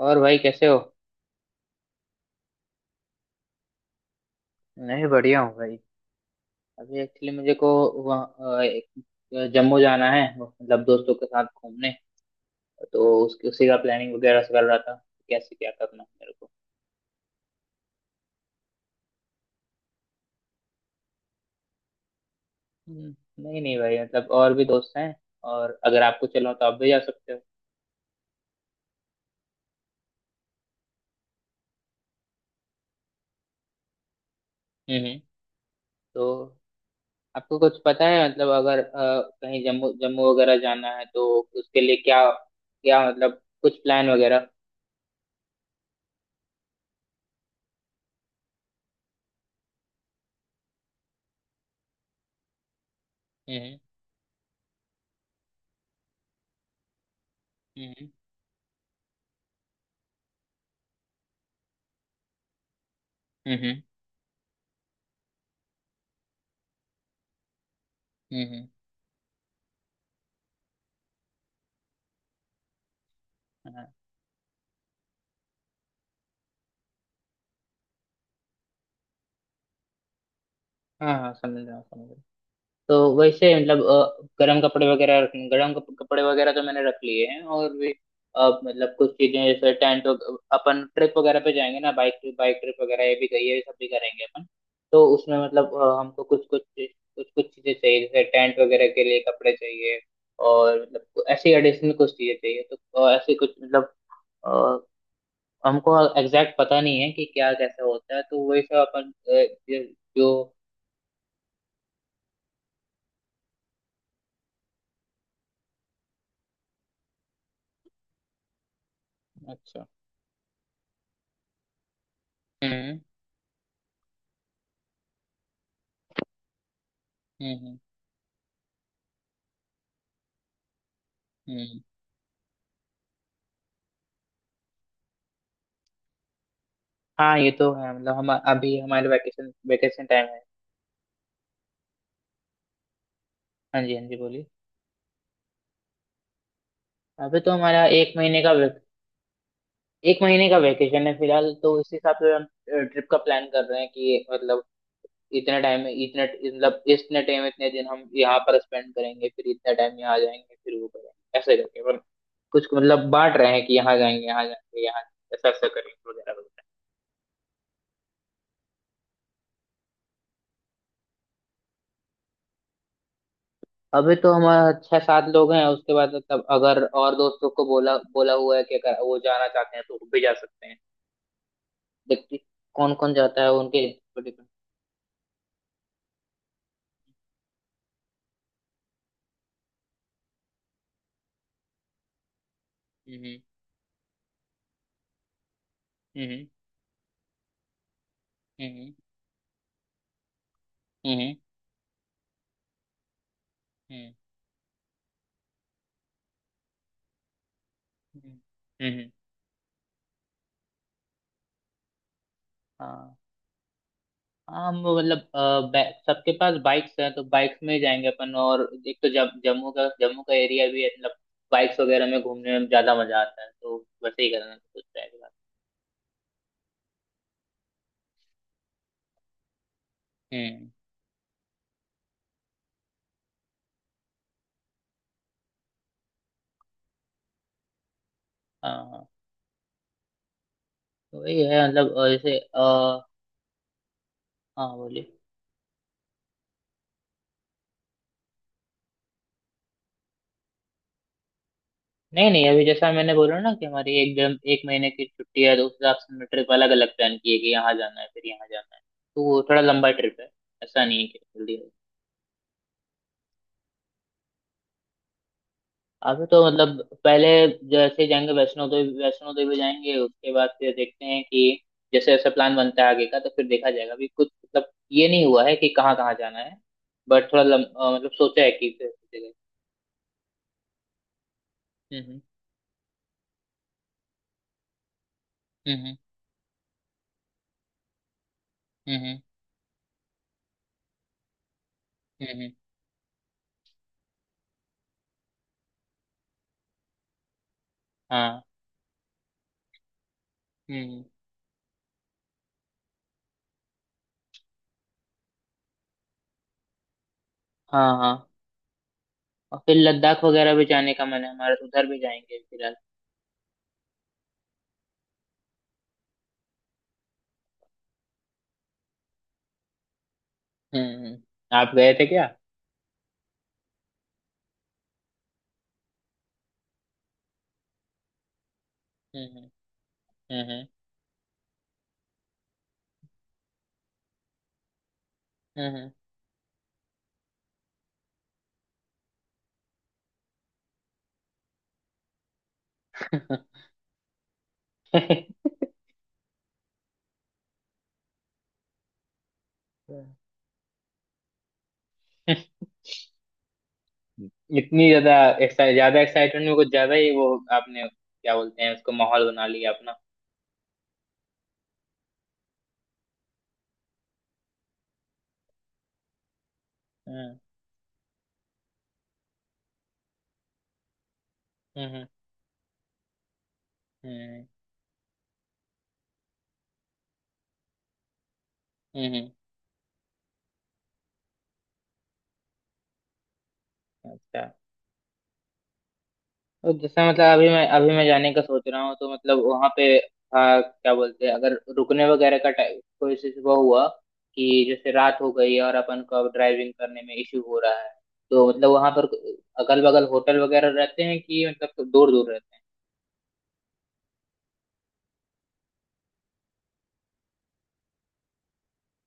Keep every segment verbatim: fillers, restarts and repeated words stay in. और भाई कैसे हो? नहीं, बढ़िया हूँ भाई। अभी एक्चुअली मुझे को वहाँ अ, एक- जम्मू जाना है मतलब दोस्तों के साथ घूमने। तो उसकी उसी का प्लानिंग वगैरह से कर रहा था। कैसे क्या करना है मेरे को? हम्म। नहीं नहीं भाई, मतलब और भी दोस्त हैं। और अगर आपको चलो तो आप भी जा सकते हो। हम्म। तो आपको कुछ पता है मतलब अगर अ, कहीं जम्मू जम्मू वगैरह जाना है तो उसके लिए क्या क्या मतलब कुछ प्लान वगैरह? हम्म। हम्म। हम्म। हम्म। हम्म। हाँ हाँ, हाँ समझ रहा हूँ, समझ रहा हूँ। तो वैसे मतलब अ, गर्म कपड़े वगैरह रख गर्म कप- कपड़े वगैरह तो मैंने रख लिए हैं, और भी। अ, मतलब कुछ चीजें जैसे टेंट। अपन ट्रिप वगैरह पे जाएंगे ना, बाइक ट्रिप बाइक ट्रिप वगैरह ये भी गई है, ये सब भी करेंगे अपन। तो उसमें मतलब अ, हमको कुछ कुछ कुछ कुछ चीजें चाहिए, जैसे टेंट वगैरह के लिए कपड़े चाहिए। और मतलब ऐसी एडिशनल कुछ चीजें चाहिए तो। अ, ऐसे कुछ मतलब। अ, हमको एग्जैक्ट पता नहीं है कि क्या कैसा होता है, तो वही सब अपन अ, जो। अच्छा। हम्म। हम्म। हम्म। हाँ, ये तो है, मतलब हम अभी हमारे वेकेशन वेकेशन टाइम है। हाँ जी, हाँ जी, बोलिए। अभी तो हमारा एक महीने का वे, एक महीने का वेकेशन है फिलहाल, तो इस हिसाब से हम ट्रिप का प्लान कर रहे हैं कि मतलब इतने टाइम में इतने, मतलब इतने टाइम इतने दिन हम यहाँ पर स्पेंड करेंगे, फिर इतना टाइम यहाँ जाएंगे, फिर वो करेंगे ऐसे करके मतलब कुछ मतलब बांट रहे हैं कि यहाँ जाएंगे, यहाँ जाएंगे, यहाँ जाएंगे, ऐसा ऐसा करेंगे वगैरह वगैरह। अभी तो हमारा छह सात लोग हैं, उसके बाद मतलब अगर और दोस्तों को बोला बोला हुआ है कि अगर वो जाना चाहते हैं तो वो भी जा सकते हैं। व्यक्ति कौन कौन जाता है उनके पर डिपेंड। हम्म। हम्म। हम्म। हम्म। हम्म। हम्म। हम्म। हाँ हाँ, हम मतलब अ, बै- सबके पास बाइक्स हैं तो बाइक्स में ही जाएंगे अपन। और एक तो जम, जम्मू का जम्मू का एरिया भी है मतलब बाइक्स वगैरह में घूमने में ज्यादा मजा आता है, तो वैसे ही करना कुछ रहेगा। हम्म। हाँ हाँ, तो वही है मतलब अ, जैसे आ, हाँ बोलिए। नहीं नहीं, अभी जैसा मैंने बोला ना कि हमारी एक जन, एक महीने की छुट्टी है, तो उस हिसाब से हमने ट्रिप अलग अलग प्लान की है कि यहाँ जाना है फिर यहाँ जाना है। तो वो थोड़ा लंबा ट्रिप है। ऐसा नहीं है कि जल्दी है। अभी तो मतलब पहले जैसे जाएंगे, वैष्णो देवी वैष्णो देवी जाएंगे उसके बाद, फिर देखते हैं कि जैसे जैसे प्लान बनता है आगे का, तो फिर देखा जाएगा। अभी कुछ मतलब ये नहीं हुआ है कि कहाँ कहाँ जाना है। बट थोड़ा लम, अ, मतलब सोचा है कि फिर जगह। हम्म। हम्म। हम्म। हम्म। हम्म। हम्म। हाँ, हम्म। हाँ हाँ। और फिर लद्दाख वगैरह भी जाने का मन है हमारा, तो उधर भी जाएंगे फिलहाल। हम्म। हम्म। आप गए थे क्या? हम्म। हम्म। हम्म। हम्म। हम्म। इतनी ज्यादा एक्साइट ज्यादा एक्साइटमेंट में कुछ ज्यादा ही वो। आपने क्या बोलते हैं उसको, माहौल बना लिया अपना। हम्म। हम्म। हम्म। हम्म। हम्म। अच्छा। और जैसे मतलब अभी मैं अभी मैं जाने का सोच रहा हूँ, तो मतलब वहां पे, हाँ क्या बोलते हैं, अगर रुकने वगैरह का टाइम कोई इशू वो हुआ कि जैसे रात हो गई है और अपन को अब ड्राइविंग करने में इशू हो रहा है, तो मतलब वहां पर अगल बगल होटल वगैरह रहते हैं, कि मतलब दूर दूर रहते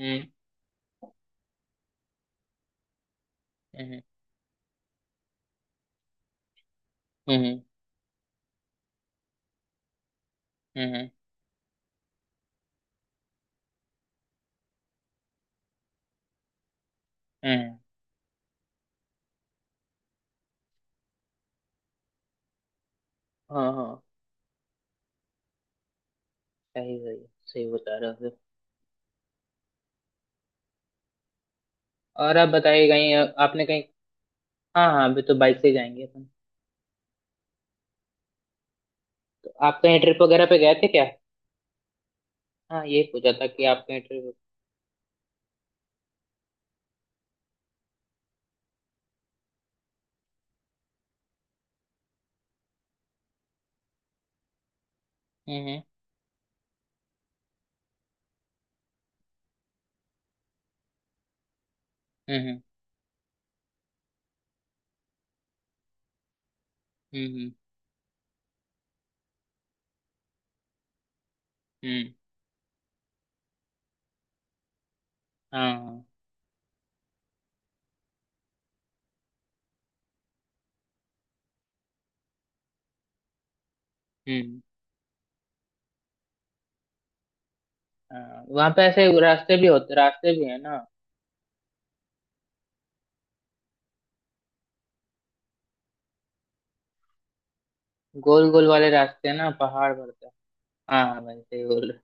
हैं? हम्म। हम्म। हम्म। हम्म। हम्म। हाँ हाँ, सही सही, सही बता रहे हो फिर। और आप बताइए कहीं, आपने कहीं, हाँ हाँ अभी तो बाइक से जाएंगे अपन। तो आप कहीं ट्रिप वगैरह पे गए थे क्या? हाँ ये पूछा था कि आप कहीं ट्रिप। हम्म। हम्म। हम्म। हम्म। हाँ। हम्म। हाँ वहाँ पे ऐसे रास्ते भी होते, रास्ते भी है ना, गोल गोल वाले रास्ते हैं ना पहाड़ पर से। हाँ भाई सही बोल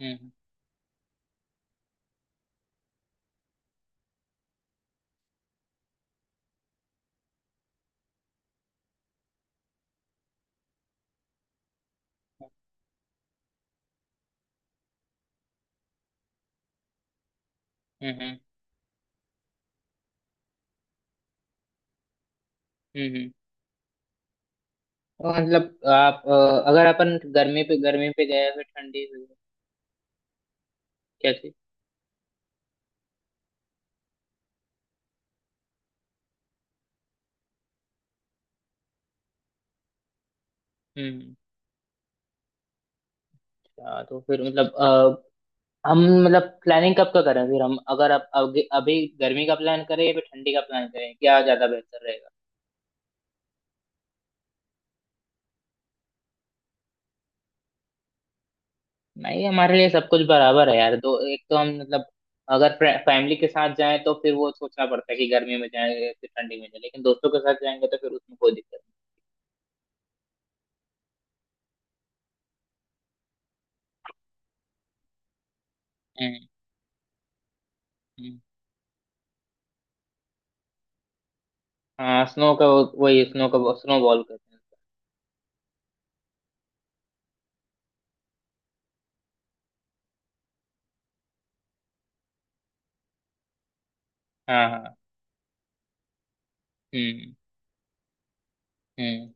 रहे। हम्म। हम्म। हम्म। हम्म। तो मतलब आप अ, अगर अपन गर्मी पे गर्मी पे गए फिर ठंडी हुई, क्या चीज? हम्म। अच्छा, तो फिर मतलब अ, हम मतलब प्लानिंग कब का करें फिर, हम अगर अब अभी अभी गर्मी का प्लान करें या फिर ठंडी का प्लान करें, क्या ज्यादा बेहतर रहेगा? नहीं, हमारे लिए सब कुछ बराबर है यार, दो एक तो हम मतलब अगर फैमिली के साथ जाएं तो फिर वो सोचना पड़ता है कि गर्मी में जाएं या फिर ठंडी में जाएं, लेकिन दोस्तों के साथ जाएंगे तो फिर उसमें कोई दिक्कत नहीं। हम्म। हम्म। हाँ स्नो का वो- वही स्नो का स्नो बॉल कहते हैं उसको। हाँ हाँ। हम्म। हम्म।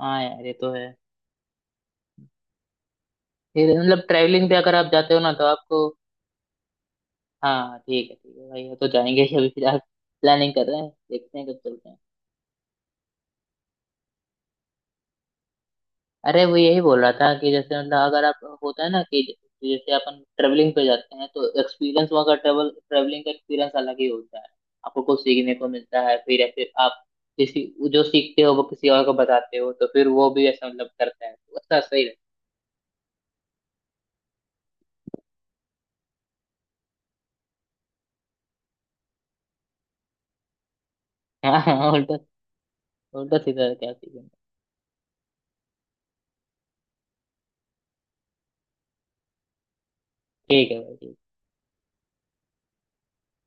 हाँ यार, ये तो है। फिर मतलब ट्रैवलिंग पे अगर आप जाते हो ना तो आपको, हाँ ठीक है, ठीक है भाई, वो तो जाएंगे ही, अभी फिलहाल प्लानिंग कर रहे हैं, देखते हैं कब चलते हैं। अरे वो यही बोल रहा था कि जैसे मतलब अगर आप होता है ना कि जैसे अपन ट्रेवलिंग पे जाते हैं तो एक्सपीरियंस वहाँ का ट्रेवल ट्रेवलिंग का एक्सपीरियंस अलग ही होता है। आपको कुछ सीखने को मिलता है फिर, या फिर आप किसी जो सीखते हो वो किसी और को बताते हो तो फिर वो भी ऐसा मतलब करता है, तो अच्छा सही रहता है। हाँ हाँ, उल्टा, उल्टा सीधा क्या सीखेंगे? ठीक है भाई, ठीक है।